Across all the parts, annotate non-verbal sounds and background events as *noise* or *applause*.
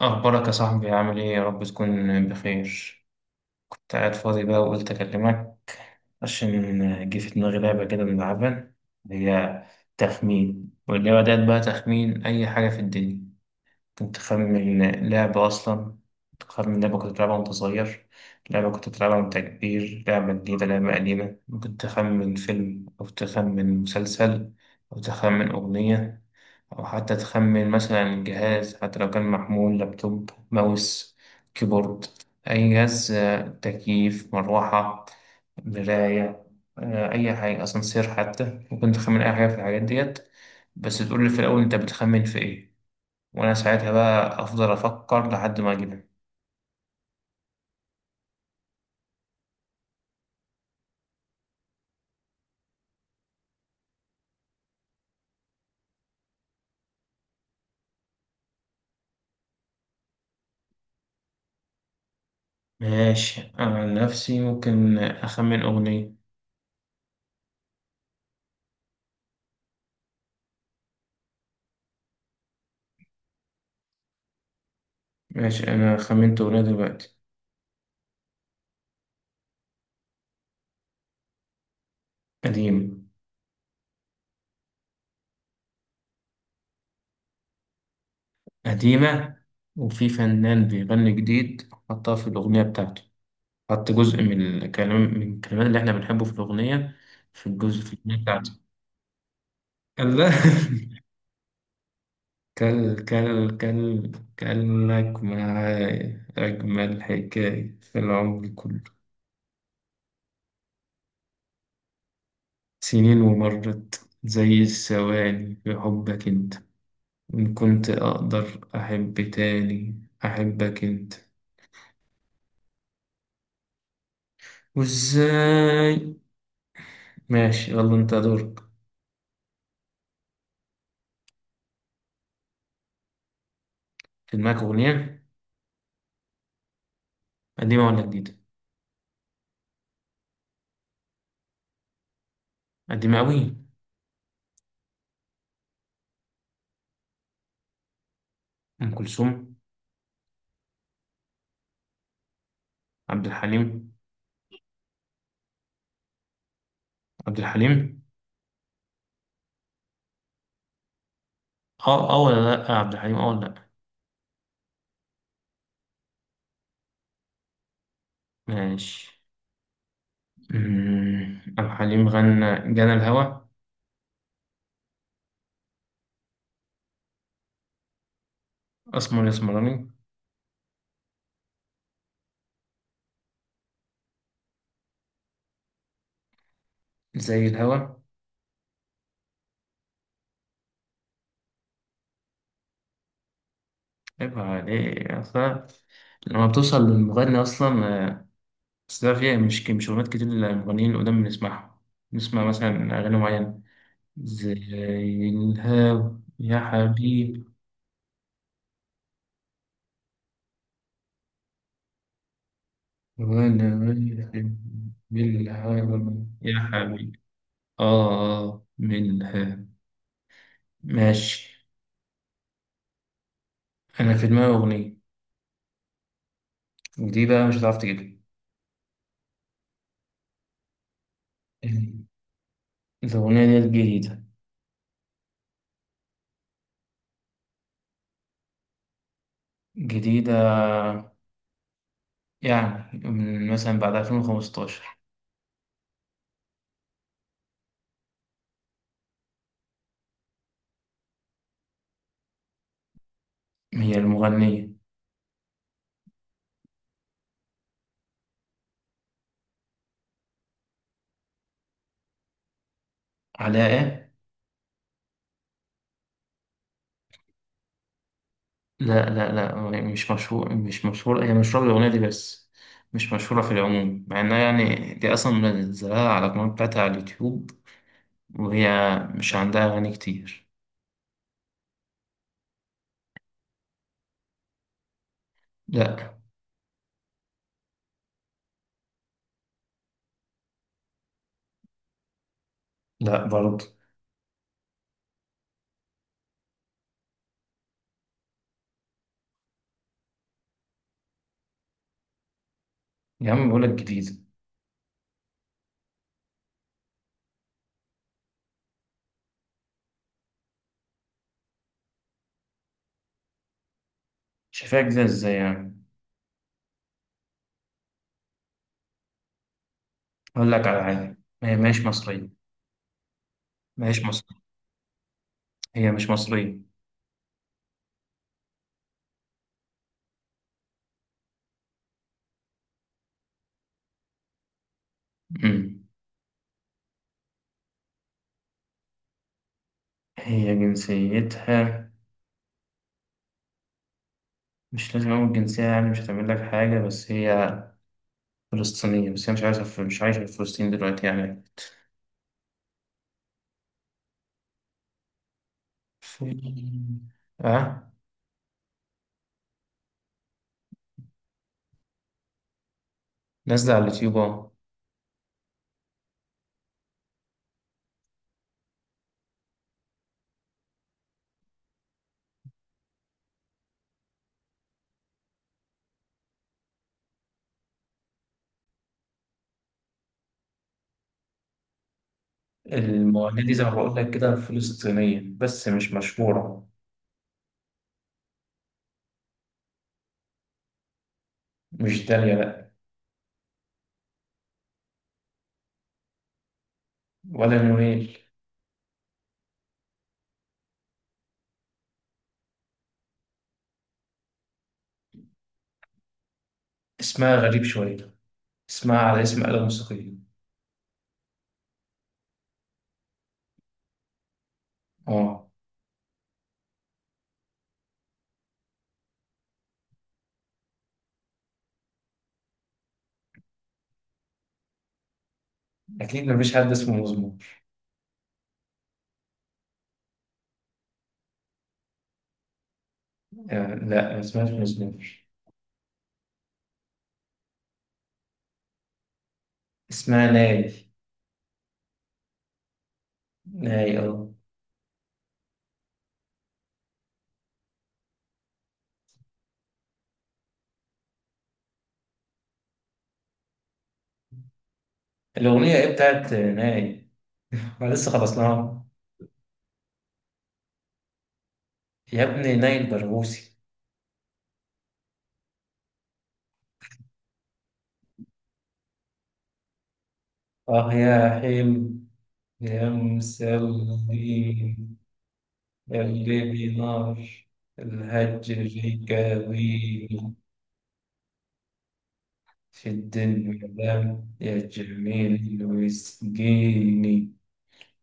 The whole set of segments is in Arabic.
أخبارك يا صاحبي؟ عامل إيه؟ يا رب تكون بخير. كنت قاعد فاضي بقى وقلت أكلمك عشان جه في دماغي لعبة كده بنلعبها. هي تخمين. واللعبة ديت بقى تخمين أي حاجة في الدنيا. ممكن تخمن لعبة أصلا، تخمن لعبة كنت بتلعبها وأنت صغير، لعبة كنت بتلعبها وأنت كبير، لعبة جديدة، لعبة قديمة. ممكن تخمن فيلم أو تخمن مسلسل أو تخمن أغنية، أو حتى تخمن مثلا جهاز، حتى لو كان محمول، لابتوب، ماوس، كيبورد، أي جهاز. تكييف، مروحة، مراية. أي حاجة، أسانسير حتى. ممكن تخمن أي حاجة في الحاجات ديت، بس تقول لي في الأول أنت بتخمن في إيه، وأنا ساعتها بقى أفضل أفكر لحد ما أجيبها. ماشي. أنا عن نفسي ممكن أخمن أغنية. ماشي، أنا خمنت أغنية دلوقتي. قديمة. قديمة. وفي فنان بيغني جديد حطها في الأغنية بتاعته. حط جزء من الكلام، من الكلمات اللي احنا بنحبه في الأغنية، في الجزء في الأغنية بتاعته. كلا *laughs* كل كل كل كلك معايا أجمل حكاية في العمر كله. سنين ومرت زي الثواني في حبك أنت. إن كنت أقدر أحب تاني أحبك أنت. وإزاي؟ ماشي، يلا أنت دورك. في دماغك أغنية قديمة ولا جديدة؟ قديمة أوي. أم كلثوم؟ عبد الحليم. عبد الحليم. اه، اه، ولا لا، عبد الحليم؟ اه، ولا لا. ماشي. عبد الحليم غنى جنى الهوى. اسمر اسمراني. زي الهوى. عيب عليك اصلا لما بتوصل للمغني اصلا. آه، بس ده فيها مش اغنيات كتير للمغنيين القدام بنسمعهم. نسمع مثلا اغاني معينة زي الهوى يا حبيبي. وانا واقف بالهوى يا حبيبي. اه، اه، من الهوى. ماشي. انا في دماغي اغنية، دي بقى مش هتعرف تجيبها. الأغنية ديت جديدة. جديدة يعني من مثلا بعد 2015. هي المغنية. علاء؟ لا لا لا، مش مشهور، مش مشهورة. هي مشهورة بالأغنية دي بس، مش مشهورة في العموم، مع إنها يعني دي أصلا منزلها على القناة بتاعتها على اليوتيوب، وهي مش عندها أغاني كتير. لا. لا برضه. يا عم بقولك جديدة. شايفاها جديدة إزاي يعني؟ أقول لك على حاجة، هي مش مصرية. مش مصرية. هي مش مصرية. أمم. هي جنسيتها، مش لازم أقول جنسية يعني مش هتعمل لك حاجة، بس هي فلسطينية، بس هي مش عايزة في، مش عايشة في فلسطين دلوقتي يعني. في، أه. نازلة على اليوتيوب أهو. المغنية دي زي ما بقول لك كده فلسطينية بس مش مشهورة. مش دالية، لأ. ولا نويل. اسمها غريب شوية. اسمها على اسم آلة موسيقية. أه. أكيد مفيش حد اسمه مزمور. لا ما اسمهاش مزمور. اسمها ناي. ناي، أه. الأغنية إيه بتاعت ناي؟ احنا لسه خلصناها. يا ابني، نايل برغوثي. اه، يا حلم يا مسلمين، اللي بنار الهجر كاظيم في الدنيا، لم يجمل ويسقيني.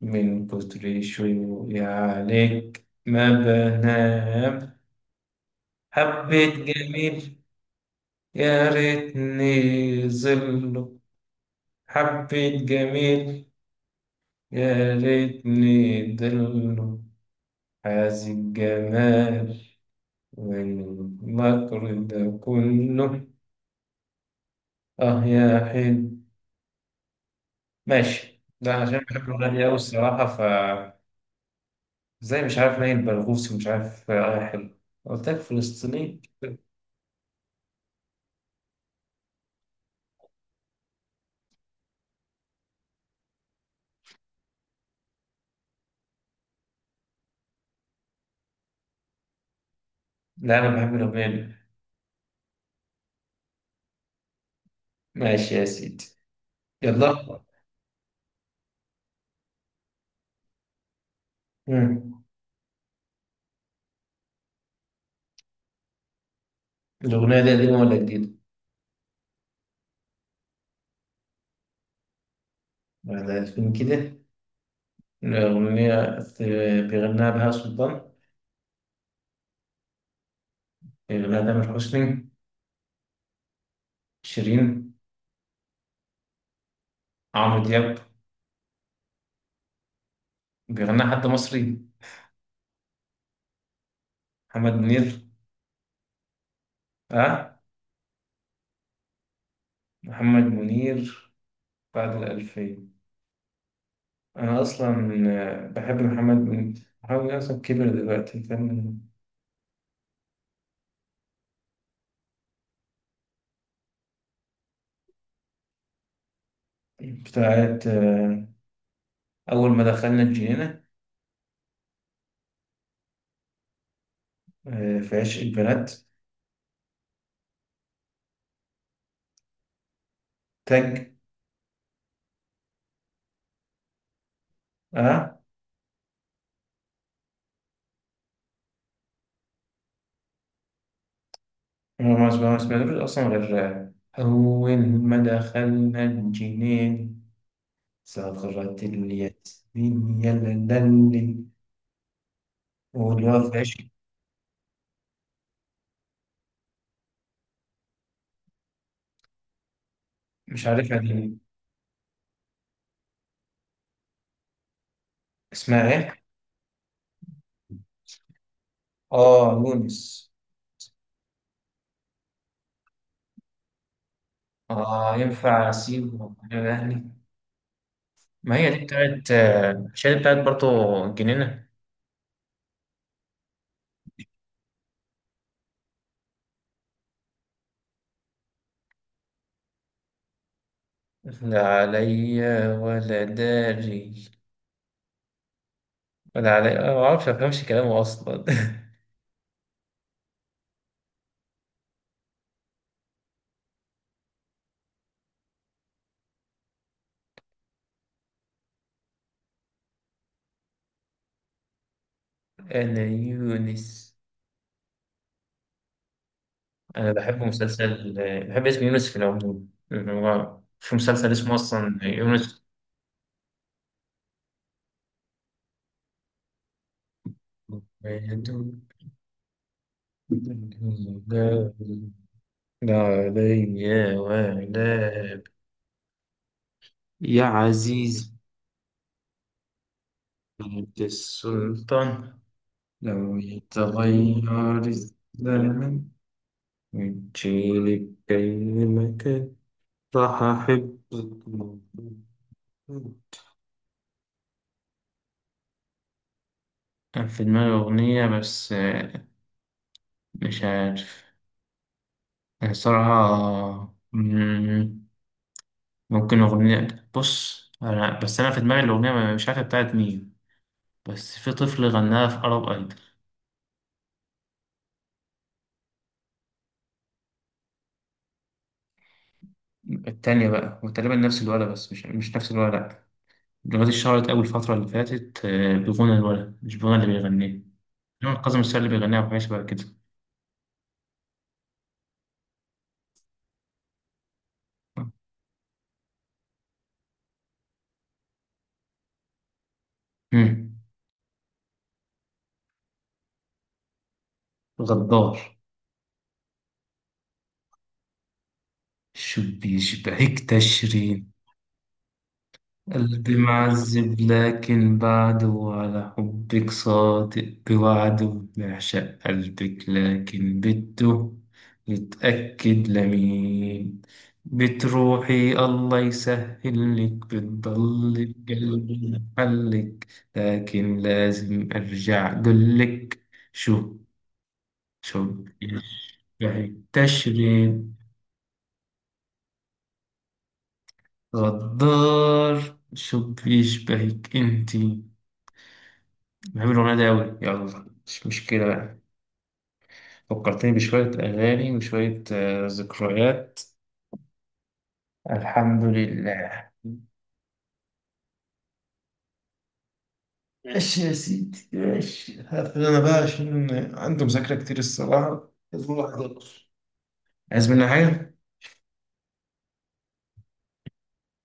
من كتر شوقي عليك ما بنام. حبيت جميل يا ريتني ظله. حبيت جميل يا ليتني ضل. حاز الجمال والمكر ده كله. اه يا حلو. ماشي. ده عشان بحب الغني أوي الصراحة. ف زي مش عارف نايل برغوثي ومش عارف اه. يا حلو. قلت لك فلسطيني. لا أنا بحب الأغنية دي. ماشي يا سيدي. يلا. مم. الأغنية دي قديمة ولا جديدة؟ بعد 2000 كده. الأغنية بيغناها بهاء سلطان؟ بيغناها تامر حسني؟ شيرين؟ عمرو دياب؟ بيغنى حد مصري؟ محمد منير؟ اه. محمد منير. بعد الألفين. أنا أصلا بحب محمد منير. محمد منير أصلا كبر دلوقتي كان. بتاعت أول ما دخلنا الجنينة؟ في عشق البنات؟ تاج. اه. هو ما سمعتوش أصلا غير أول ما دخلنا الجنينة صغرت الياسمين يا لالي والواد في عشق. مش عارفها دي. اسمها إيه؟ اه، يونس. اه، ينفع اسيب وأنا الاهلي. ما هي دي بتاعت مش هي دي بتاعت برضه الجنينة؟ لا عليا ولا داري. ولا عليا، أنا ما اعرفش، ما بفهمش كلامه اصلا. *laughs* انا يونس. انا بحب مسلسل. بحب اسم يونس في العموم. يعني هو في مسلسل اسمه اصلا يونس. لا عليا ولا يا عزيز بيت السلطان، لو يتغير الزمن وتجيلي بأي مكان راح أحبك موجود. كان في دماغي أغنية بس مش عارف. يعني صراحة، ممكن أغنية. بص أنا، بس أنا في دماغي الأغنية مش عارف بتاعت مين. بس في طفل غناها في أرب أيدل التانية بقى، وتقريبا نفس الولد بس مش نفس الولد. الأغنية دي اتشهرت أول الفترة اللي فاتت بغنى الولد مش بغنى اللي بيغنيه جمال. كاظم الساهر اللي بيغنيها، وحاجة شبه كده. مم. غدار، شو بيشبهك تشرين. قلبي معذب لكن بعده، على حبك صادق بوعده، بعشق قلبك لكن بده يتأكد لمين، بتروحي الله يسهل لك، بتضل بقلبي محلك. لكن لازم أرجع أقولك، شو شو بيشبهك تشرب. غدار شو بيشبهك انتي. بحب الأغنية دي أوي. يلا مش مشكلة بقى. فكرتني بشوية أغاني وشوية ذكريات. الحمد لله. ماشي يا سيدي، ماشي. هقفل أنا بقى عشان عندي مذاكرة كتير الصراحة، لازم الواحد يقف. عايز مني حاجة؟